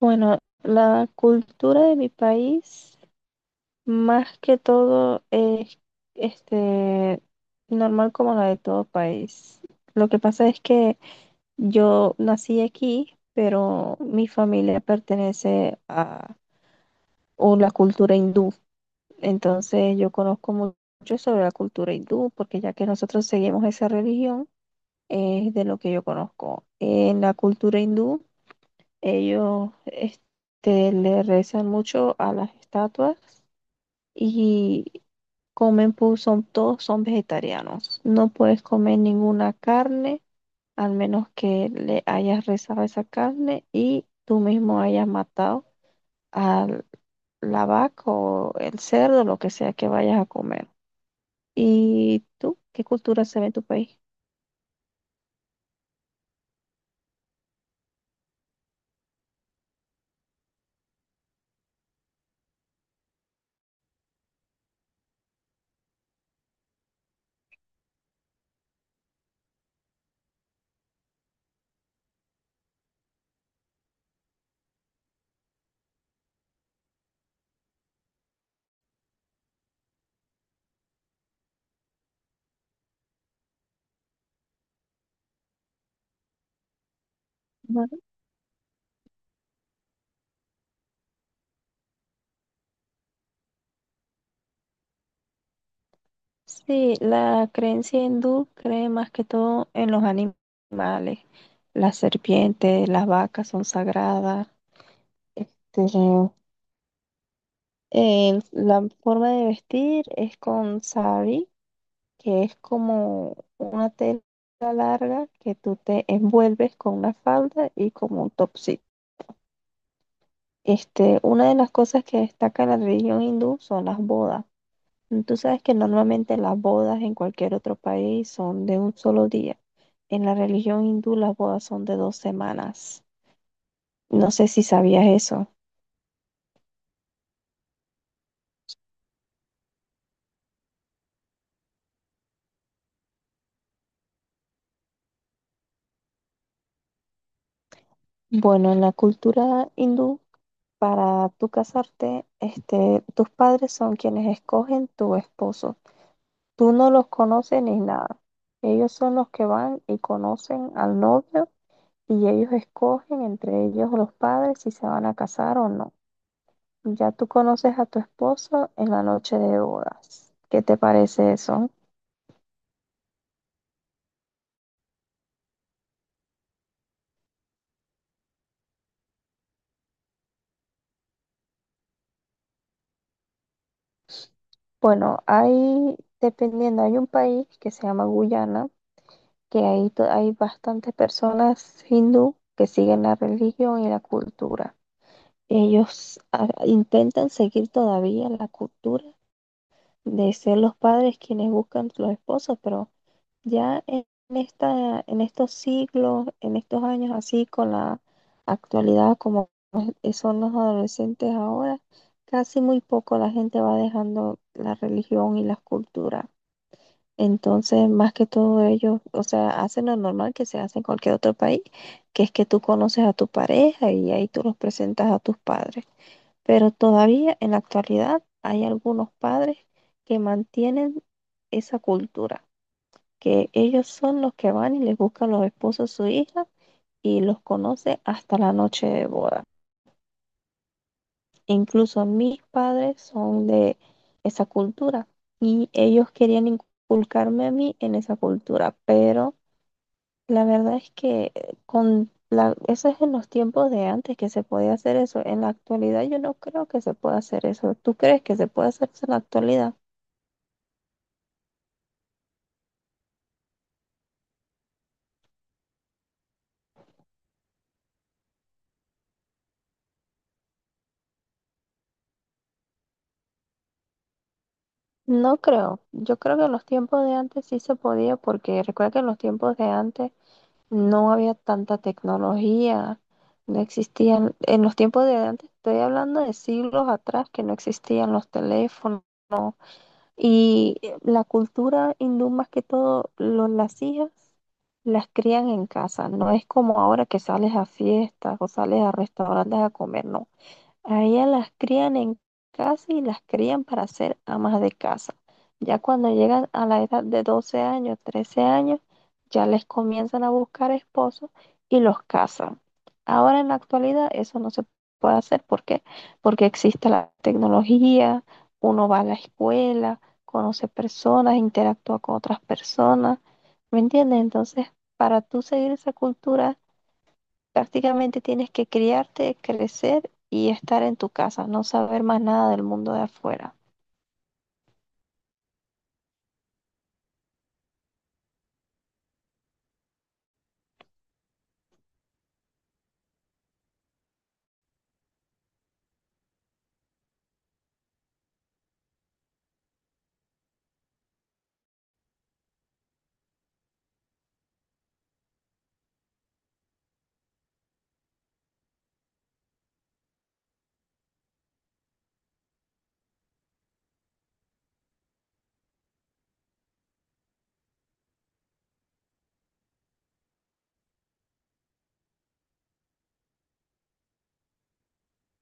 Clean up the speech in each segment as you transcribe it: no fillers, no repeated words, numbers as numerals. Bueno, la cultura de mi país, más que todo, es este, normal como la de todo país. Lo que pasa es que yo nací aquí, pero mi familia pertenece a o la cultura hindú. Entonces yo conozco mucho sobre la cultura hindú, porque ya que nosotros seguimos esa religión, es de lo que yo conozco. En la cultura hindú. Ellos le rezan mucho a las estatuas y comen, todos son vegetarianos. No puedes comer ninguna carne, al menos que le hayas rezado esa carne y tú mismo hayas matado a la vaca o el cerdo, lo que sea que vayas a comer. ¿Y tú? ¿Qué cultura se ve en tu país? Sí, la creencia hindú cree más que todo en los animales. Las serpientes, las vacas son sagradas. Este, la forma de vestir es con sari, que es como una tela larga que tú te envuelves con una falda y como un topsito. Una de las cosas que destaca en la religión hindú son las bodas. Tú sabes que normalmente las bodas en cualquier otro país son de un solo día. En la religión hindú las bodas son de dos semanas. No sé si sabías eso. Bueno, en la cultura hindú, para tú casarte, tus padres son quienes escogen tu esposo. Tú no los conoces ni nada. Ellos son los que van y conocen al novio y ellos escogen entre ellos los padres si se van a casar o no. Ya tú conoces a tu esposo en la noche de bodas. ¿Qué te parece eso? Bueno, hay, dependiendo, hay un país que se llama Guyana, que ahí hay bastantes personas hindú que siguen la religión y la cultura. Ellos intentan seguir todavía la cultura de ser los padres quienes buscan los esposos, pero ya en en estos siglos, en estos años así, con la actualidad como son los adolescentes ahora, casi muy poco la gente va dejando la religión y las culturas. Entonces, más que todo ellos, o sea, hacen lo normal que se hace en cualquier otro país, que es que tú conoces a tu pareja y ahí tú los presentas a tus padres. Pero todavía en la actualidad hay algunos padres que mantienen esa cultura, que ellos son los que van y les buscan los esposos a su hija y los conoce hasta la noche de boda. Incluso mis padres son de esa cultura y ellos querían inculcarme a mí en esa cultura, pero la verdad es que eso es en los tiempos de antes que se podía hacer eso. En la actualidad yo no creo que se pueda hacer eso. ¿Tú crees que se puede hacer eso en la actualidad? No creo. Yo creo que en los tiempos de antes sí se podía porque recuerda que en los tiempos de antes no había tanta tecnología, no existían, en los tiempos de antes, estoy hablando de siglos atrás que no existían los teléfonos y la cultura hindú más que todo, las hijas las crían en casa, no es como ahora que sales a fiestas o sales a restaurantes a comer, no. A ellas las crían en casa y las crían para ser amas de casa. Ya cuando llegan a la edad de 12 años, 13 años, ya les comienzan a buscar esposos y los casan. Ahora en la actualidad eso no se puede hacer. ¿Por qué? Porque existe la tecnología, uno va a la escuela, conoce personas, interactúa con otras personas. ¿Me entiendes? Entonces, para tú seguir esa cultura prácticamente tienes que criarte, crecer y estar en tu casa, no saber más nada del mundo de afuera.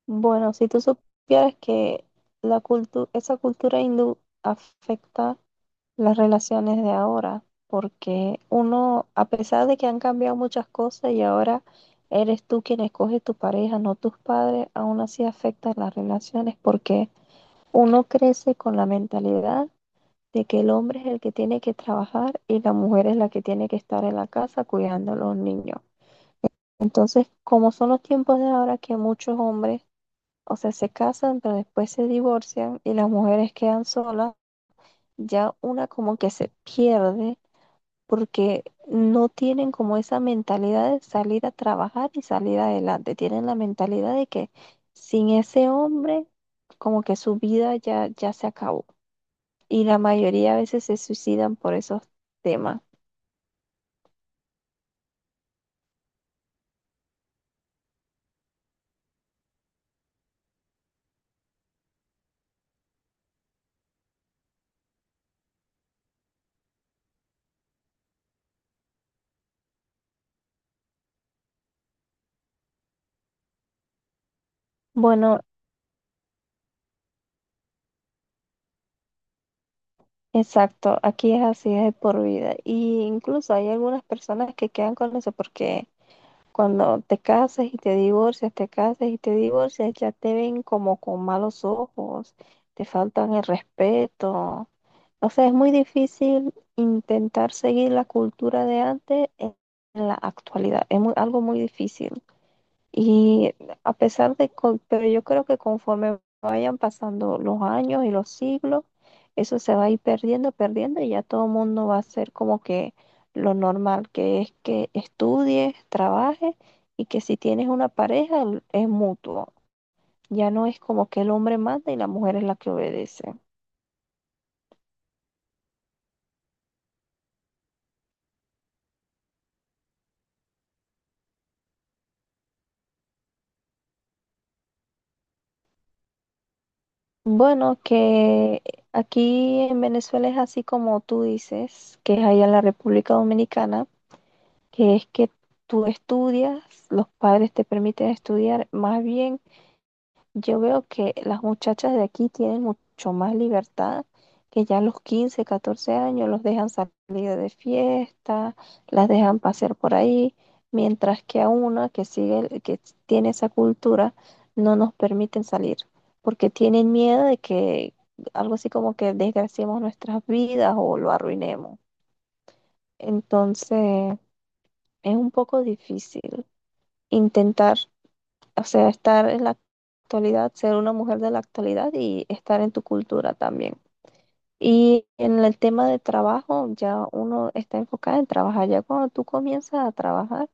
Bueno, si tú supieras que esa cultura hindú afecta las relaciones de ahora, porque uno, a pesar de que han cambiado muchas cosas y ahora eres tú quien escoge tu pareja, no tus padres, aún así afecta las relaciones porque uno crece con la mentalidad de que el hombre es el que tiene que trabajar y la mujer es la que tiene que estar en la casa cuidando a los niños. Entonces, como son los tiempos de ahora que muchos hombres, o sea, se casan, pero después se divorcian y las mujeres quedan solas, ya una como que se pierde porque no tienen como esa mentalidad de salir a trabajar y salir adelante. Tienen la mentalidad de que sin ese hombre, como que su vida ya se acabó y la mayoría a veces se suicidan por esos temas. Bueno, exacto, aquí es así, es de por vida. Y incluso hay algunas personas que quedan con eso porque cuando te casas y te divorcias, te casas y te divorcias, ya te ven como con malos ojos, te faltan el respeto. O sea, es muy difícil intentar seguir la cultura de antes en la actualidad. Es algo muy difícil. Y a pesar pero yo creo que conforme vayan pasando los años y los siglos, eso se va a ir perdiendo, perdiendo y ya todo el mundo va a ser como que lo normal, que es que estudies, trabajes y que si tienes una pareja es mutuo. Ya no es como que el hombre manda y la mujer es la que obedece. Bueno, que aquí en Venezuela es así como tú dices, que es allá en la República Dominicana. Que es que tú estudias, los padres te permiten estudiar. Más bien, yo veo que las muchachas de aquí tienen mucho más libertad, que ya a los 15, 14 años los dejan salir de fiesta, las dejan pasear por ahí, mientras que a una que sigue, que tiene esa cultura, no nos permiten salir, porque tienen miedo de que algo así como que desgraciemos nuestras vidas o lo arruinemos. Entonces, es un poco difícil intentar, o sea, estar en la actualidad, ser una mujer de la actualidad y estar en tu cultura también. Y en el tema de trabajo, ya uno está enfocado en trabajar. Ya cuando tú comienzas a trabajar,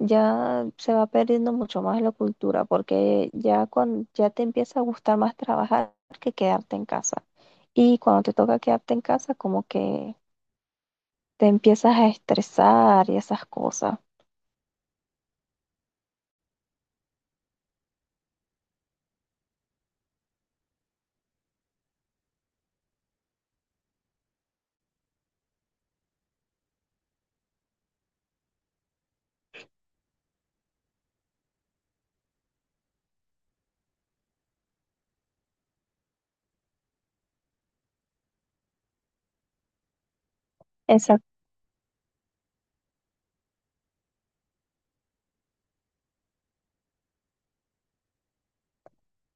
ya se va perdiendo mucho más la cultura, porque ya, cuando, ya te empieza a gustar más trabajar que quedarte en casa. Y cuando te toca quedarte en casa, como que te empiezas a estresar y esas cosas.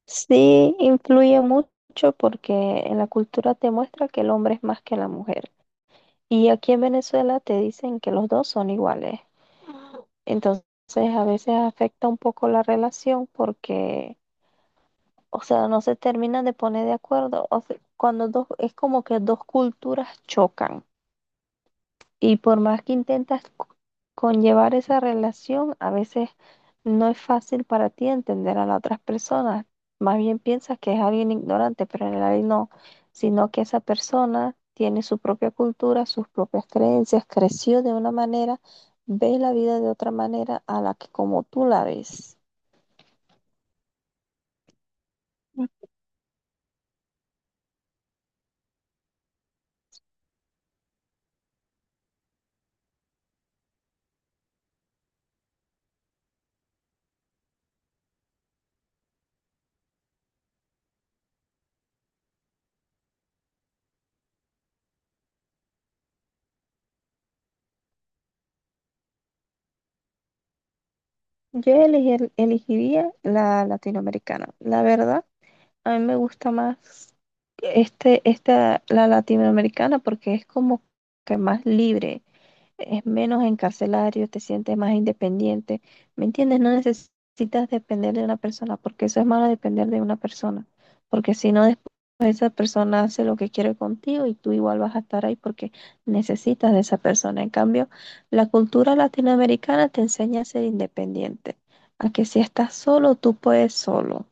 Sí, influye mucho porque en la cultura te muestra que el hombre es más que la mujer. Y aquí en Venezuela te dicen que los dos son iguales. Entonces a veces afecta un poco la relación porque, o sea, no se terminan de poner de acuerdo. O sea, cuando dos, es como que dos culturas chocan. Y por más que intentas conllevar esa relación, a veces no es fácil para ti entender a las otras personas. Más bien piensas que es alguien ignorante, pero en realidad no, sino que esa persona tiene su propia cultura, sus propias creencias, creció de una manera, ve la vida de otra manera a la que como tú la ves. Yo elegiría la latinoamericana, la verdad. A mí me gusta más la latinoamericana porque es como que más libre, es menos encarcelario, te sientes más independiente. ¿Me entiendes? No necesitas depender de una persona porque eso es malo depender de una persona. Porque si no, después esa persona hace lo que quiere contigo y tú igual vas a estar ahí porque necesitas de esa persona. En cambio, la cultura latinoamericana te enseña a ser independiente, a que si estás solo, tú puedes solo.